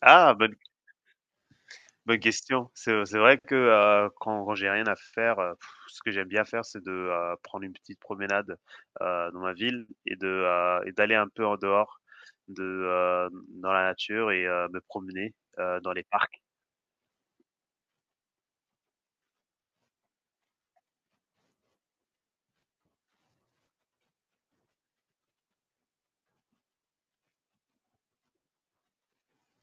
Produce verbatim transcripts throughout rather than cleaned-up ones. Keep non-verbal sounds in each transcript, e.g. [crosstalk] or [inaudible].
Ah, bonne bonne question. C'est c'est vrai que, heu, quand quand j'ai rien à faire, heu, ce que j'aime bien faire, c'est de, heu, prendre une petite promenade, heu, dans ma ville et de, heu et d'aller un peu en dehors de, heu, dans la nature et heu, me promener, heu, dans les parcs.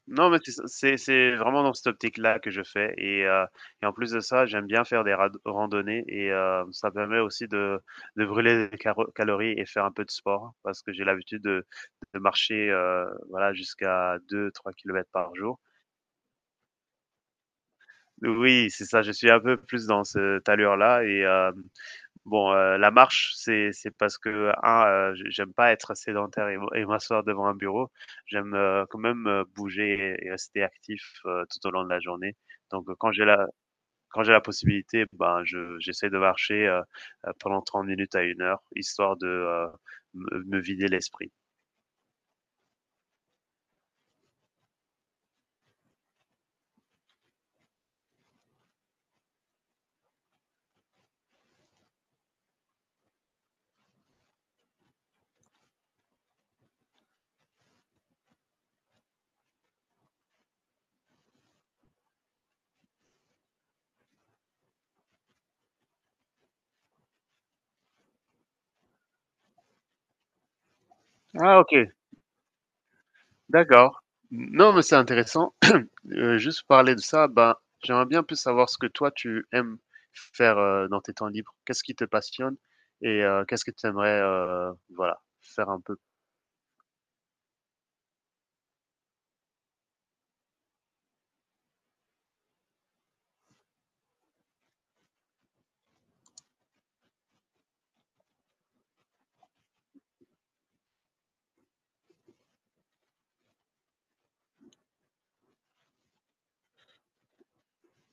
Non, mais c'est c'est c'est vraiment dans cette optique-là que je fais et heu et en plus de ça, j'aime bien faire des rad randonnées et heu, ça permet aussi de de brûler des caro calories et faire un peu de sport parce que j'ai l'habitude de de marcher, heu, voilà, jusqu'à deux trois kilomètres par jour. Oui, c'est ça, je suis un peu plus dans cette allure-là et hem bon, heu, la marche, c'est c'est parce que, un, heu, j j'aime pas être sédentaire et m et m'asseoir devant un bureau. J'aime, heu, quand même, heu, bouger et et rester actif, heu, tout au long de la journée. Donc, heu, quand j'ai la quand j'ai la possibilité, ben, je j'essaie de marcher, heu heu, pendant trente minutes à une heure, histoire de, heu, me me vider l'esprit. Ah, OK, d'accord. Non, mais c'est intéressant. Heu, juste parler de ça, ben, j'aimerais bien plus savoir ce que toi tu aimes faire, heu, dans tes temps libres. Qu'est-ce qui te passionne et heu, qu'est-ce que tu aimerais, heu, voilà, faire un peu?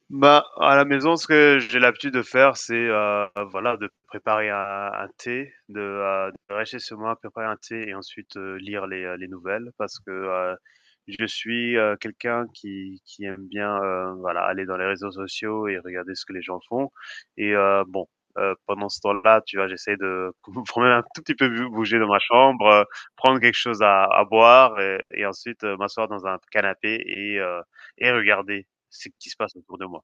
Bah, à la maison, ce que j'ai l'habitude de faire, c'est, heu, voilà, de préparer un un thé, de, heu, de rester chez moi, préparer un thé et ensuite, heu, lire les, heu, les nouvelles parce que, heu, je suis, heu, quelqu'un qui qui aime bien, heu, voilà, aller dans les réseaux sociaux et regarder ce que les gens font et, heu, bon, heu, pendant ce temps-là, tu vois, j'essaie de [laughs] quand même un tout petit peu bu bouger dans ma chambre, heu, prendre quelque chose à à boire et et ensuite, heu, m'asseoir dans un canapé et heu et regarder ce qui se passe autour de moi.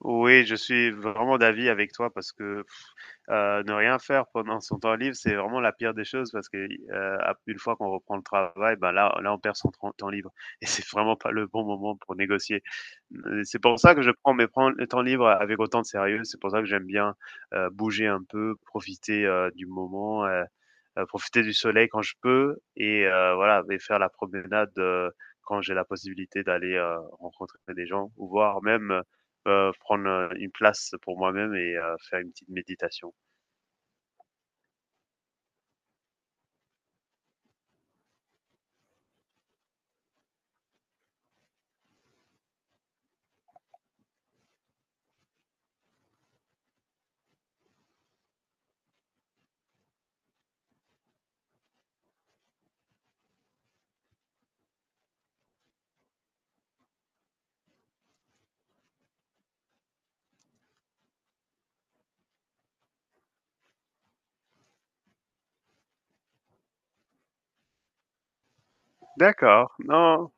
Oui, je suis vraiment d'avis avec toi parce que, euh, ne rien faire pendant son temps libre, c'est vraiment la pire des choses parce que, euh, ap- une fois qu'on reprend le travail, ben là, là, on perd son tran- temps libre. [laughs] Et c'est vraiment pas le bon moment pour négocier. Euh, C'est pour ça que je prends mes prends- temps libres avec autant de sérieux. C'est pour ça que j'aime bien, euh, bouger un peu, profiter, euh, du moment, euh, euh, profiter du soleil quand je peux et, euh, voilà, et faire la promenade, euh, quand j'ai la possibilité d'aller, euh, rencontrer des gens ou voir même, euh, prendre, euh, une place pour moi-même et, euh, faire une petite méditation. D'accord, non,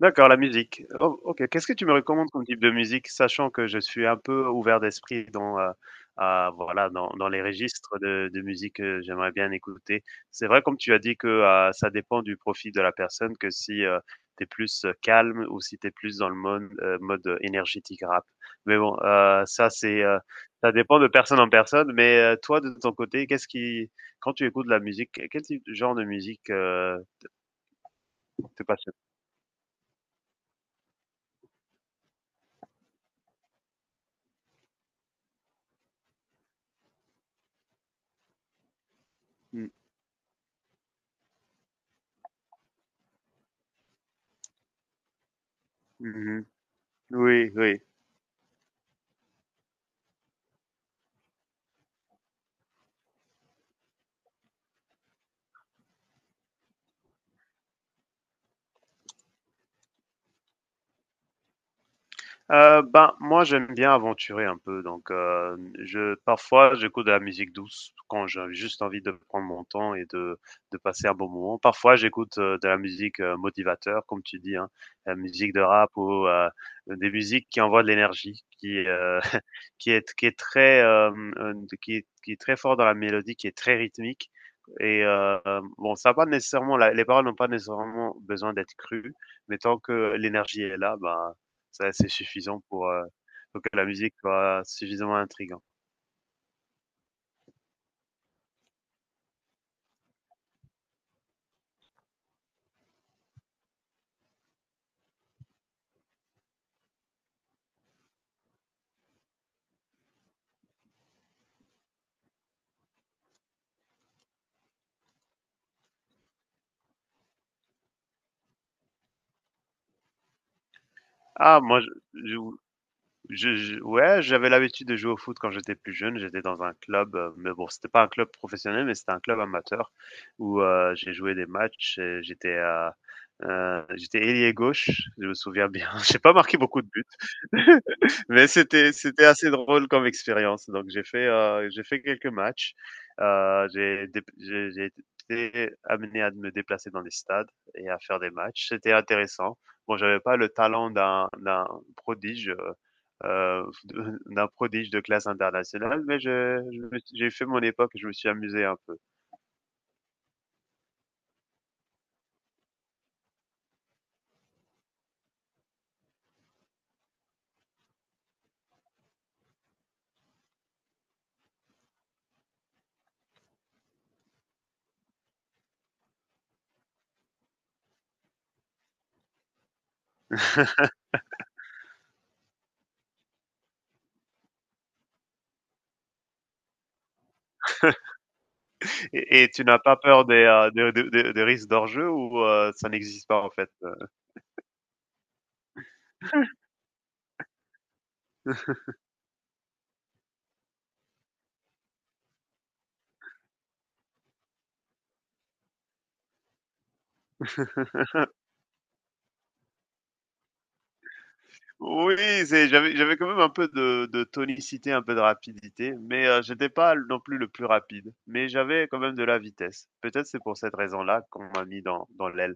d'accord, la musique. O OK, qu'est-ce que tu me recommandes comme type de musique? Sachant que je suis un peu ouvert d'esprit dans, heu, à voilà, dans dans les registres de de musique que j'aimerais bien écouter. C'est vrai, comme tu as dit que, heu, ça dépend du profil de la personne, que si, heu, tu es plus, heu, calme ou si tu es plus dans le mode, heu, mode, énergétique rap. Mais bon, heu, ça c'est, heu, ça dépend de personne en personne. Mais, heu, toi, de ton côté, qu'est-ce qui quand tu écoutes de la musique, quel type genre de musique, heu, te passionne? Mmh. Oui, oui. Heu, ben, moi, j'aime bien aventurer un peu, donc, heu, je parfois, j'écoute de la musique douce quand j'ai juste envie de prendre mon temps et de de passer un bon moment. Parfois, j'écoute, heu, de la musique, heu, motivateur, comme tu dis, hein, la musique de rap ou, heu, des musiques qui envoient de l'énergie, qui, heu, [laughs] qui est qui est très, hem, heu, qui est qui est très fort dans la mélodie, qui est très rythmique et, heu, bon, ça a pas nécessairement la les paroles n'ont pas nécessairement besoin d'être crues, mais tant que l'énergie est là, ben ça, c'est suffisant pour, heu, pour que la musique soit suffisamment intrigante. Ah moi, je je Je je ouais, j'avais l'habitude de jouer au foot quand j'étais plus jeune. J'étais dans un club, heu, mais bon, c'était pas un club professionnel, mais c'était un club amateur où, heu, j'ai joué des matchs et j'étais, heu heu, j'étais ailier gauche, je me souviens bien. [laughs] J'ai pas marqué beaucoup de buts, [laughs] mais c'était c'était assez drôle comme expérience. Donc j'ai fait, heu, j'ai fait quelques matchs. Heu, j'ai dép j'ai j'ai été amené à me déplacer dans des stades et à faire des matchs. C'était intéressant. Bon, j'avais pas le talent d'un d'un prodige, euh, euh, [laughs] d'un prodige de classe internationale, mais, je, je- j'ai fait mon époque, et je me suis amusé un peu. [laughs] Et, et tu n'as pas peur des, euh, de, de, de, de risques d'enjeu ou, euh, ça n'existe pas en fait? euh? Oui, c'est j'avais j'avais quand même un peu de de tonicité, un peu de rapidité, mais, heu, j'étais pas non plus le plus rapide, mais j'avais quand même de la vitesse. Peut-être c'est pour cette raison-là qu'on m'a mis dans dans l'aile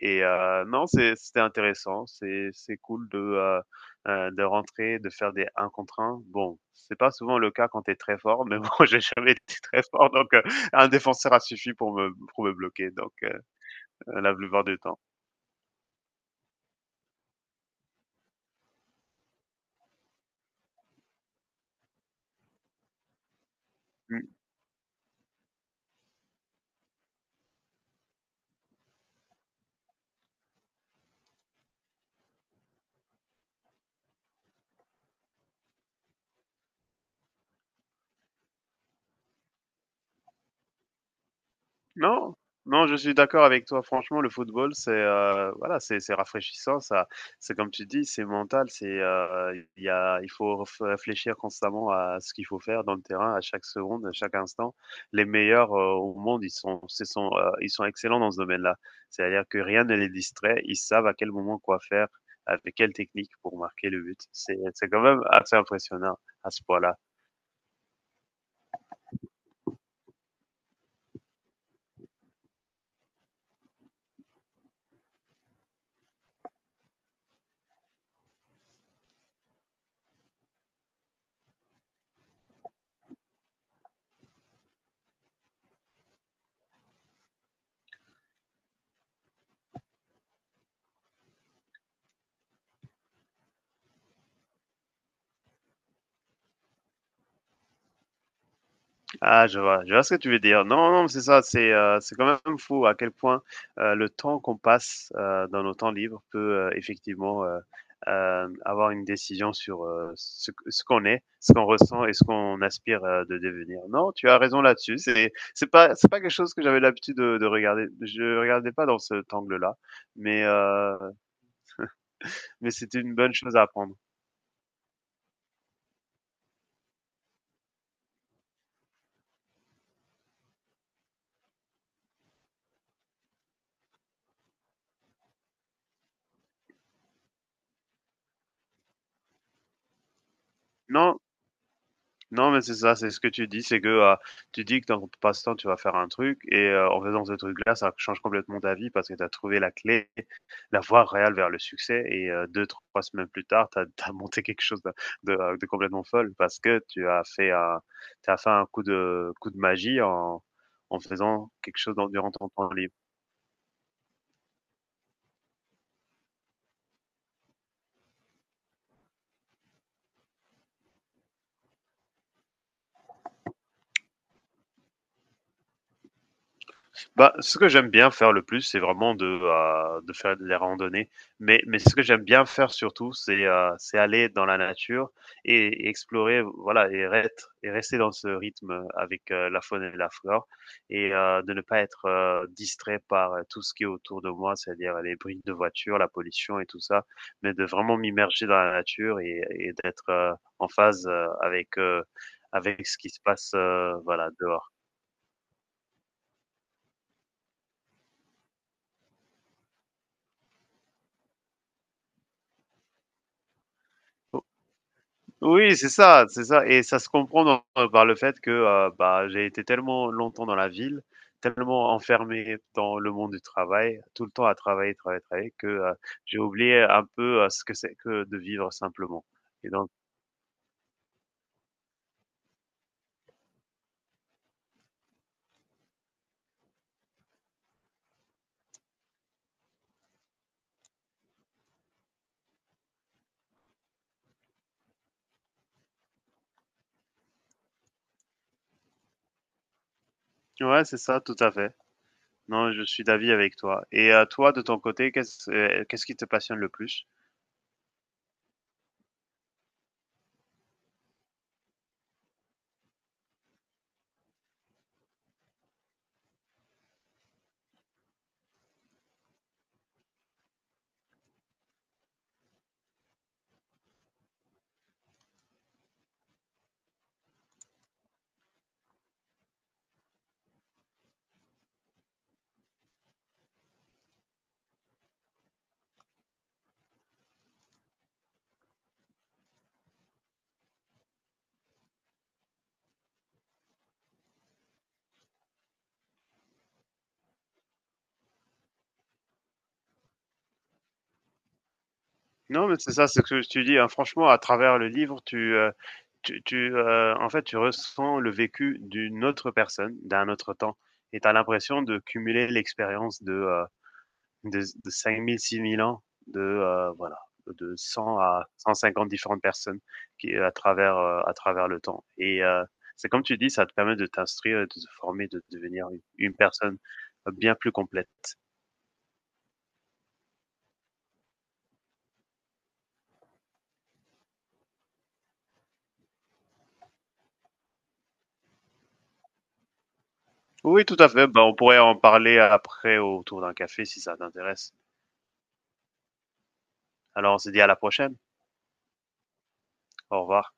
et, heu, non, c'est c'était intéressant, c'est c'est cool de, heu heu, de rentrer, de faire des un contre un. Bon, c'est pas souvent le cas quand t'es très fort, mais [laughs] bon, j'ai jamais été très fort, donc, heu, un défenseur a suffi pour me pour me bloquer, donc, heu, la plupart du temps. Mmh. Non, non, je suis d'accord avec toi. Franchement, le football, c'est, heu, voilà, c'est c'est rafraîchissant, ça, c'est comme tu dis, c'est mental, c'est, heu, il y a il faut ref réfléchir constamment à ce qu'il faut faire dans le terrain, à chaque seconde, à chaque instant. Les meilleurs, heu, au monde, ils sont ce sont, heu, ils sont excellents dans ce domaine-là. C'est-à-dire que rien ne les distrait, ils savent à quel moment quoi faire, avec quelle technique pour marquer le but. C'est c'est quand même assez impressionnant à ce point-là. Ah, je vois, je vois ce que tu veux dire. Non, non, c'est ça, c'est, heu, c'est quand même fou à quel point, heu, le temps qu'on passe, heu, dans nos temps libres peut, heu, effectivement, heu, hem, avoir une décision sur, heu, ce q ce qu'on est, ce qu'on ressent et ce qu'on aspire, heu, de devenir. Non, tu as raison là-dessus, c'est c'est pas c'est pas quelque chose que j'avais l'habitude de de regarder. Je regardais pas dans cet angle-là, mais heu, mais c'était une bonne chose à apprendre. Non Non, mais c'est ça, c'est ce que tu dis, c'est que, euh, tu dis que dans ton passe-temps, tu vas faire un truc, et, euh, en faisant ce truc-là, ça change complètement ta vie parce que tu as trouvé la clé, la voie réelle vers le succès, et, euh, deux, trois semaines plus tard, tu as, monté quelque chose de, de, euh, de complètement folle parce que tu as fait un, tu as fait un coup de, coup de magie en, en faisant quelque chose dans- durant ton temps libre. Bah, ce que j'aime bien faire le plus, c'est vraiment de, heu, de faire les randonnées, mais mais ce que j'aime bien faire surtout, c'est, heu, c'est aller dans la nature et et explorer, voilà et rêtre et rester dans ce rythme avec, heu, la faune et la flore et, heu, de ne pas être, heu, distrait par, euh, tout ce qui est autour de moi, c'est-à-dire les bruits de voiture, la pollution et tout ça, mais de vraiment m'immerger dans la nature et et d'être, heu, en phase, heu, avec, heu, avec ce qui se passe, heu, voilà dehors. Oui, c'est ça, c'est ça et ça se comprend dans euh, par le fait que, heu, bah, j'ai été tellement longtemps dans la ville, tellement enfermé dans le monde du travail, tout le temps à travailler, travailler, travailler que, heu, j'ai oublié un peu, heu, ce que c'est que de vivre simplement. Et donc ouais, c'est ça, tout à fait. Non, je suis d'avis avec toi et à toi, de ton côté, qu'est-ce, heu, qu'est-ce qui te passionne le plus? Non, mais c'est ça, c'est ce que tu dis, hein, franchement, à travers le livre, tu, heu Tu tu, heu, en fait, tu ressens le vécu d'une autre personne, d'un autre temps et tu as l'impression de cumuler l'expérience de, heu, de de cinq mille, six mille ans, de, heu, voilà, de cent à cent cinquante différentes personnes qui à travers, heu, à travers le temps et, heu, c'est comme tu dis, ça te permet de t'instruire, de te former, de devenir une une personne, euh, bien plus complète. Oui, tout à fait, ben on pourrait en parler après autour d'un café si ça t'intéresse. Alors on se dit à la prochaine. Au revoir.